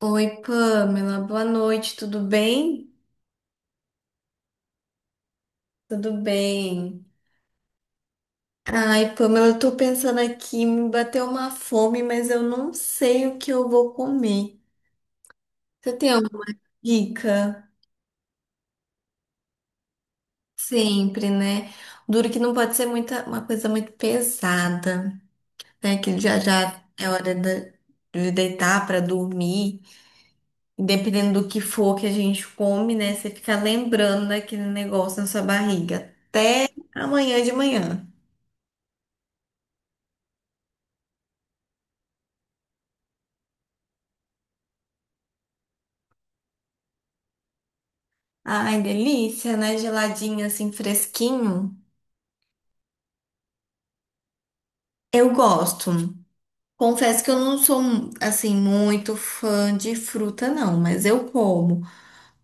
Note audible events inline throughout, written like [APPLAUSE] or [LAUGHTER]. Oi, Pamela, boa noite, tudo bem? Tudo bem. Ai, Pamela, eu tô pensando aqui, me bateu uma fome, mas eu não sei o que eu vou comer. Você tem alguma dica? Sempre, né? Duro que não pode ser muita, uma coisa muito pesada, né? Que já já é de deitar para dormir. E dependendo do que for que a gente come, né? Você fica lembrando daquele negócio na sua barriga. Amanhã de manhã. Ai, delícia, né? Geladinho assim, fresquinho. Eu gosto. Confesso que eu não sou assim muito fã de fruta, não, mas eu como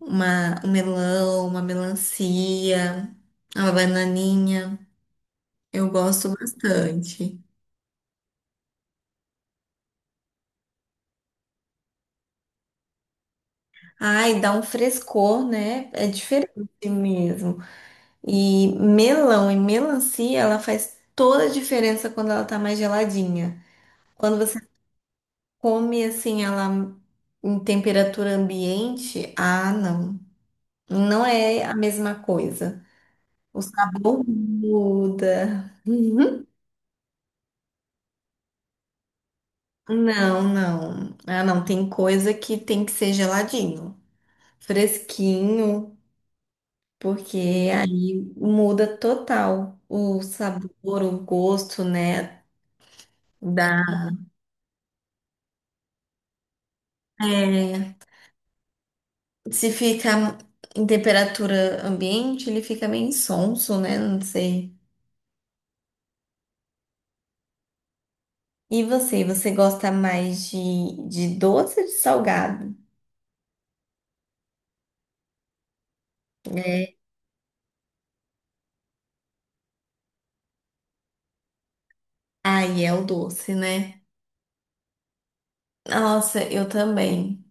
uma, um melão, uma melancia, uma bananinha. Eu gosto bastante. Ai, dá um frescor, né? É diferente mesmo. E melão e melancia, ela faz toda a diferença quando ela tá mais geladinha. Quando você come assim ela em temperatura ambiente? Ah, não. Não é a mesma coisa. O sabor muda. [LAUGHS] Uhum. Não, não. Ah, não. Tem coisa que tem que ser geladinho, fresquinho, porque aí muda total o sabor, o gosto, né? Da... É, se fica em temperatura ambiente, ele fica meio insonso, né? Não sei. E você, você gosta mais de doce ou de salgado? Ai, é o doce, né? Nossa, eu também.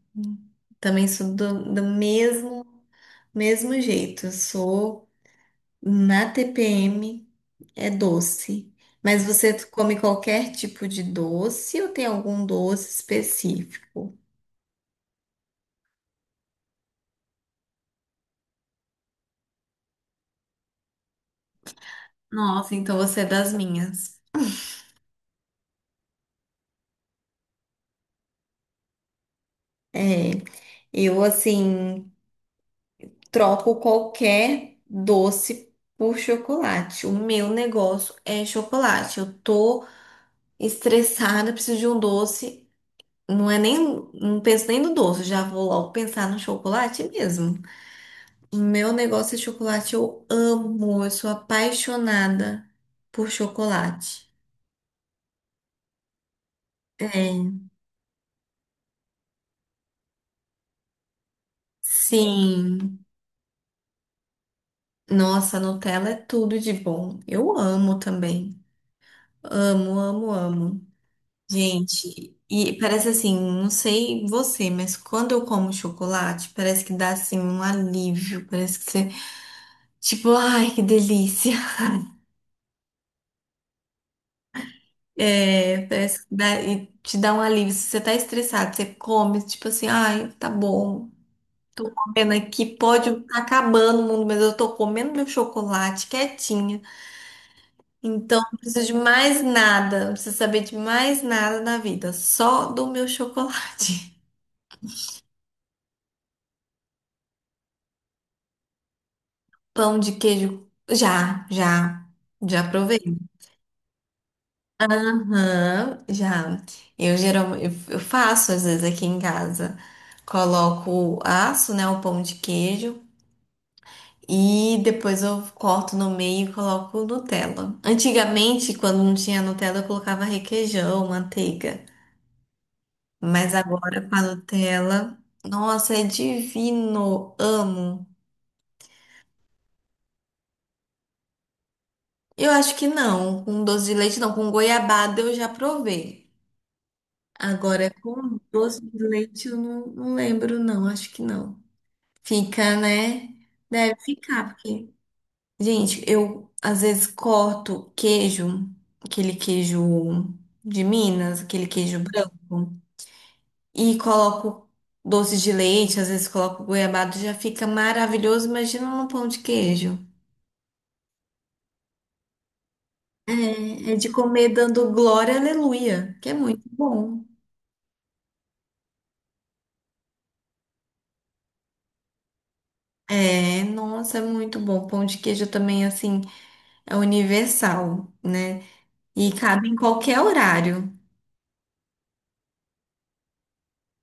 Também sou do mesmo, mesmo jeito. Eu sou na TPM, é doce. Mas você come qualquer tipo de doce ou tem algum doce específico? Nossa, então você é das minhas. É, eu assim troco qualquer doce por chocolate. O meu negócio é chocolate. Eu tô estressada, preciso de um doce. Não é nem, não penso nem no doce, já vou logo pensar no chocolate mesmo. O meu negócio é chocolate, eu amo, eu sou apaixonada por chocolate. É. Sim, nossa, Nutella é tudo de bom. Eu amo também. Amo, amo, amo. Gente, e parece assim, não sei você, mas quando eu como chocolate, parece que dá assim um alívio, parece que você, tipo, ai, que delícia. [LAUGHS] É, parece que dá, e te dá um alívio. Se você tá estressado, você come, tipo assim, ai, tá bom. Comendo aqui, pode estar acabando o mundo, mas eu tô comendo meu chocolate quietinha. Então, não preciso de mais nada, não preciso saber de mais nada na vida, só do meu chocolate. Pão de queijo. Já, já. Já provei. Aham, já. Eu geralmente eu faço às vezes aqui em casa. Coloco aço, né, o pão de queijo e depois eu corto no meio e coloco Nutella. Antigamente, quando não tinha Nutella, eu colocava requeijão, manteiga. Mas agora com a Nutella, nossa, é divino. Eu acho que não, com doce de leite não, com goiabada eu já provei. Agora, é com doce de leite, eu não, não lembro, não, acho que não. Fica, né? Deve ficar, porque. Gente, eu às vezes corto queijo, aquele queijo de Minas, aquele queijo branco, e coloco doce de leite, às vezes coloco goiabado, já fica maravilhoso. Imagina num pão de queijo. É, é de comer dando glória, aleluia, que é muito bom. É, nossa, é muito bom. Pão de queijo também, assim. É universal, né? E cabe em qualquer horário.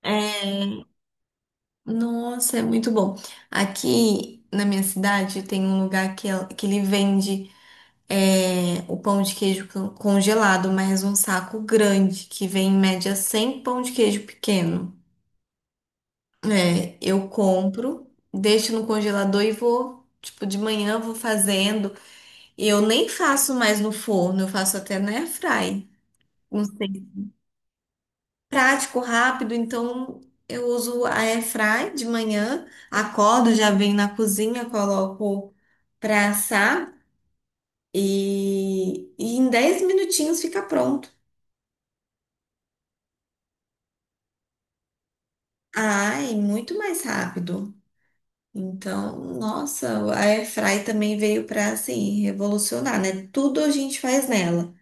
É, nossa, é muito bom. Aqui na minha cidade tem um lugar que, que ele vende o pão de queijo congelado, mas um saco grande, que vem em média 100 pão de queijo pequeno. É, eu compro, deixo no congelador e vou, tipo, de manhã eu vou fazendo. E eu nem faço mais no forno, eu faço até na airfry. Prático, rápido, então eu uso a airfry de manhã, acordo, já venho na cozinha, coloco para assar e em 10 minutinhos fica pronto. Ai, muito mais rápido. Então, nossa, a airfry também veio para assim revolucionar, né? Tudo a gente faz nela.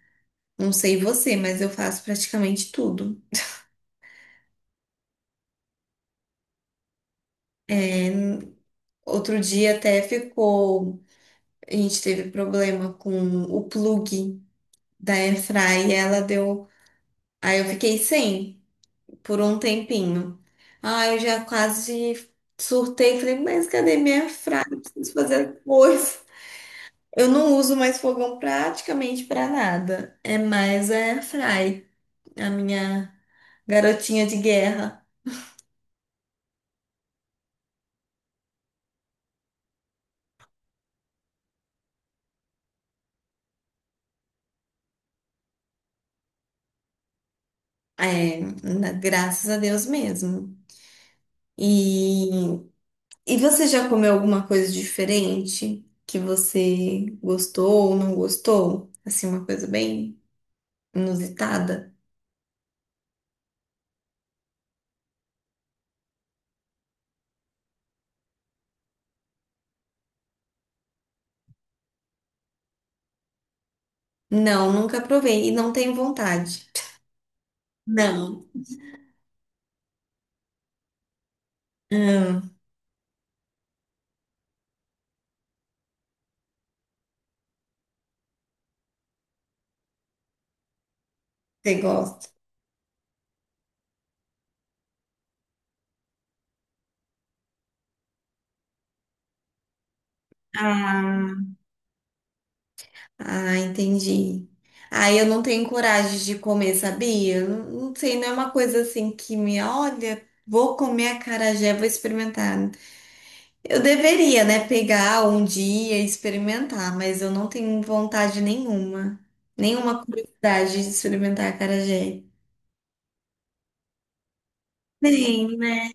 Não sei você, mas eu faço praticamente tudo. Outro dia até ficou, a gente teve problema com o plug da Airfry, ela deu. Aí eu fiquei sem por um tempinho. Ah, eu já quase surtei, falei, mas cadê minha Airfry? Eu preciso fazer as coisas. Eu não uso mais fogão praticamente para nada. É mais a Airfry, a minha garotinha de guerra. É, graças a Deus mesmo. E, e você já comeu alguma coisa diferente que você gostou ou não gostou? Assim, uma coisa bem inusitada? Não, nunca provei e não tenho vontade. Não. Hum, você gosta? Ah, Ah, entendi. Ah, eu não tenho coragem de comer, sabia? Não, não sei, não é uma coisa assim que me olha, vou comer acarajé, vou experimentar. Eu deveria, né, pegar um dia e experimentar, mas eu não tenho vontade nenhuma, nenhuma curiosidade de experimentar acarajé. Tem, né?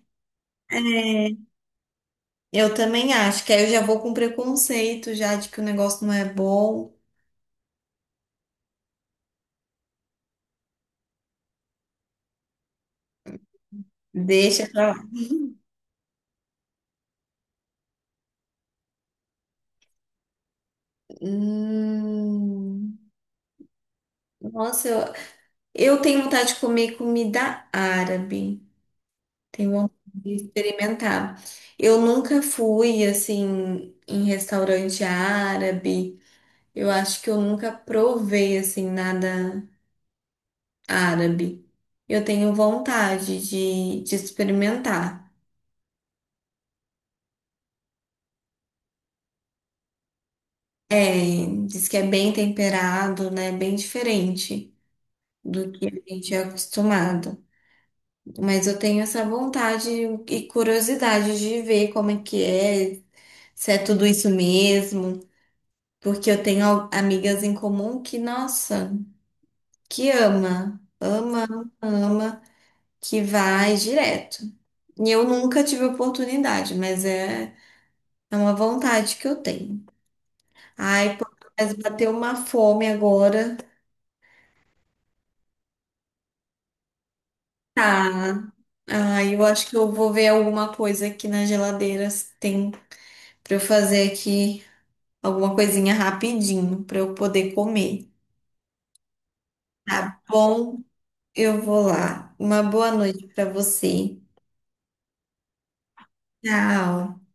É, eu também acho que aí eu já vou com preconceito já de que o negócio não é bom. Deixa pra lá. Hum, nossa, eu tenho vontade de comer comida árabe. Tenho vontade de experimentar. Eu nunca fui assim em restaurante árabe. Eu acho que eu nunca provei assim nada árabe. Eu tenho vontade de experimentar. É, diz que é bem temperado, né? Bem diferente do que a gente é acostumado. Mas eu tenho essa vontade e curiosidade de ver como é que é, se é tudo isso mesmo, porque eu tenho amigas em comum que, nossa, que ama, ama, ama, ama, que vai direto. E eu nunca tive oportunidade, mas é, é uma vontade que eu tenho. Ai, pô, mas bateu uma fome agora. Tá. Ah, eu acho que eu vou ver alguma coisa aqui na geladeira se tem pra eu fazer aqui alguma coisinha rapidinho pra eu poder comer. Tá bom? Eu vou lá. Uma boa noite pra você. Tchau.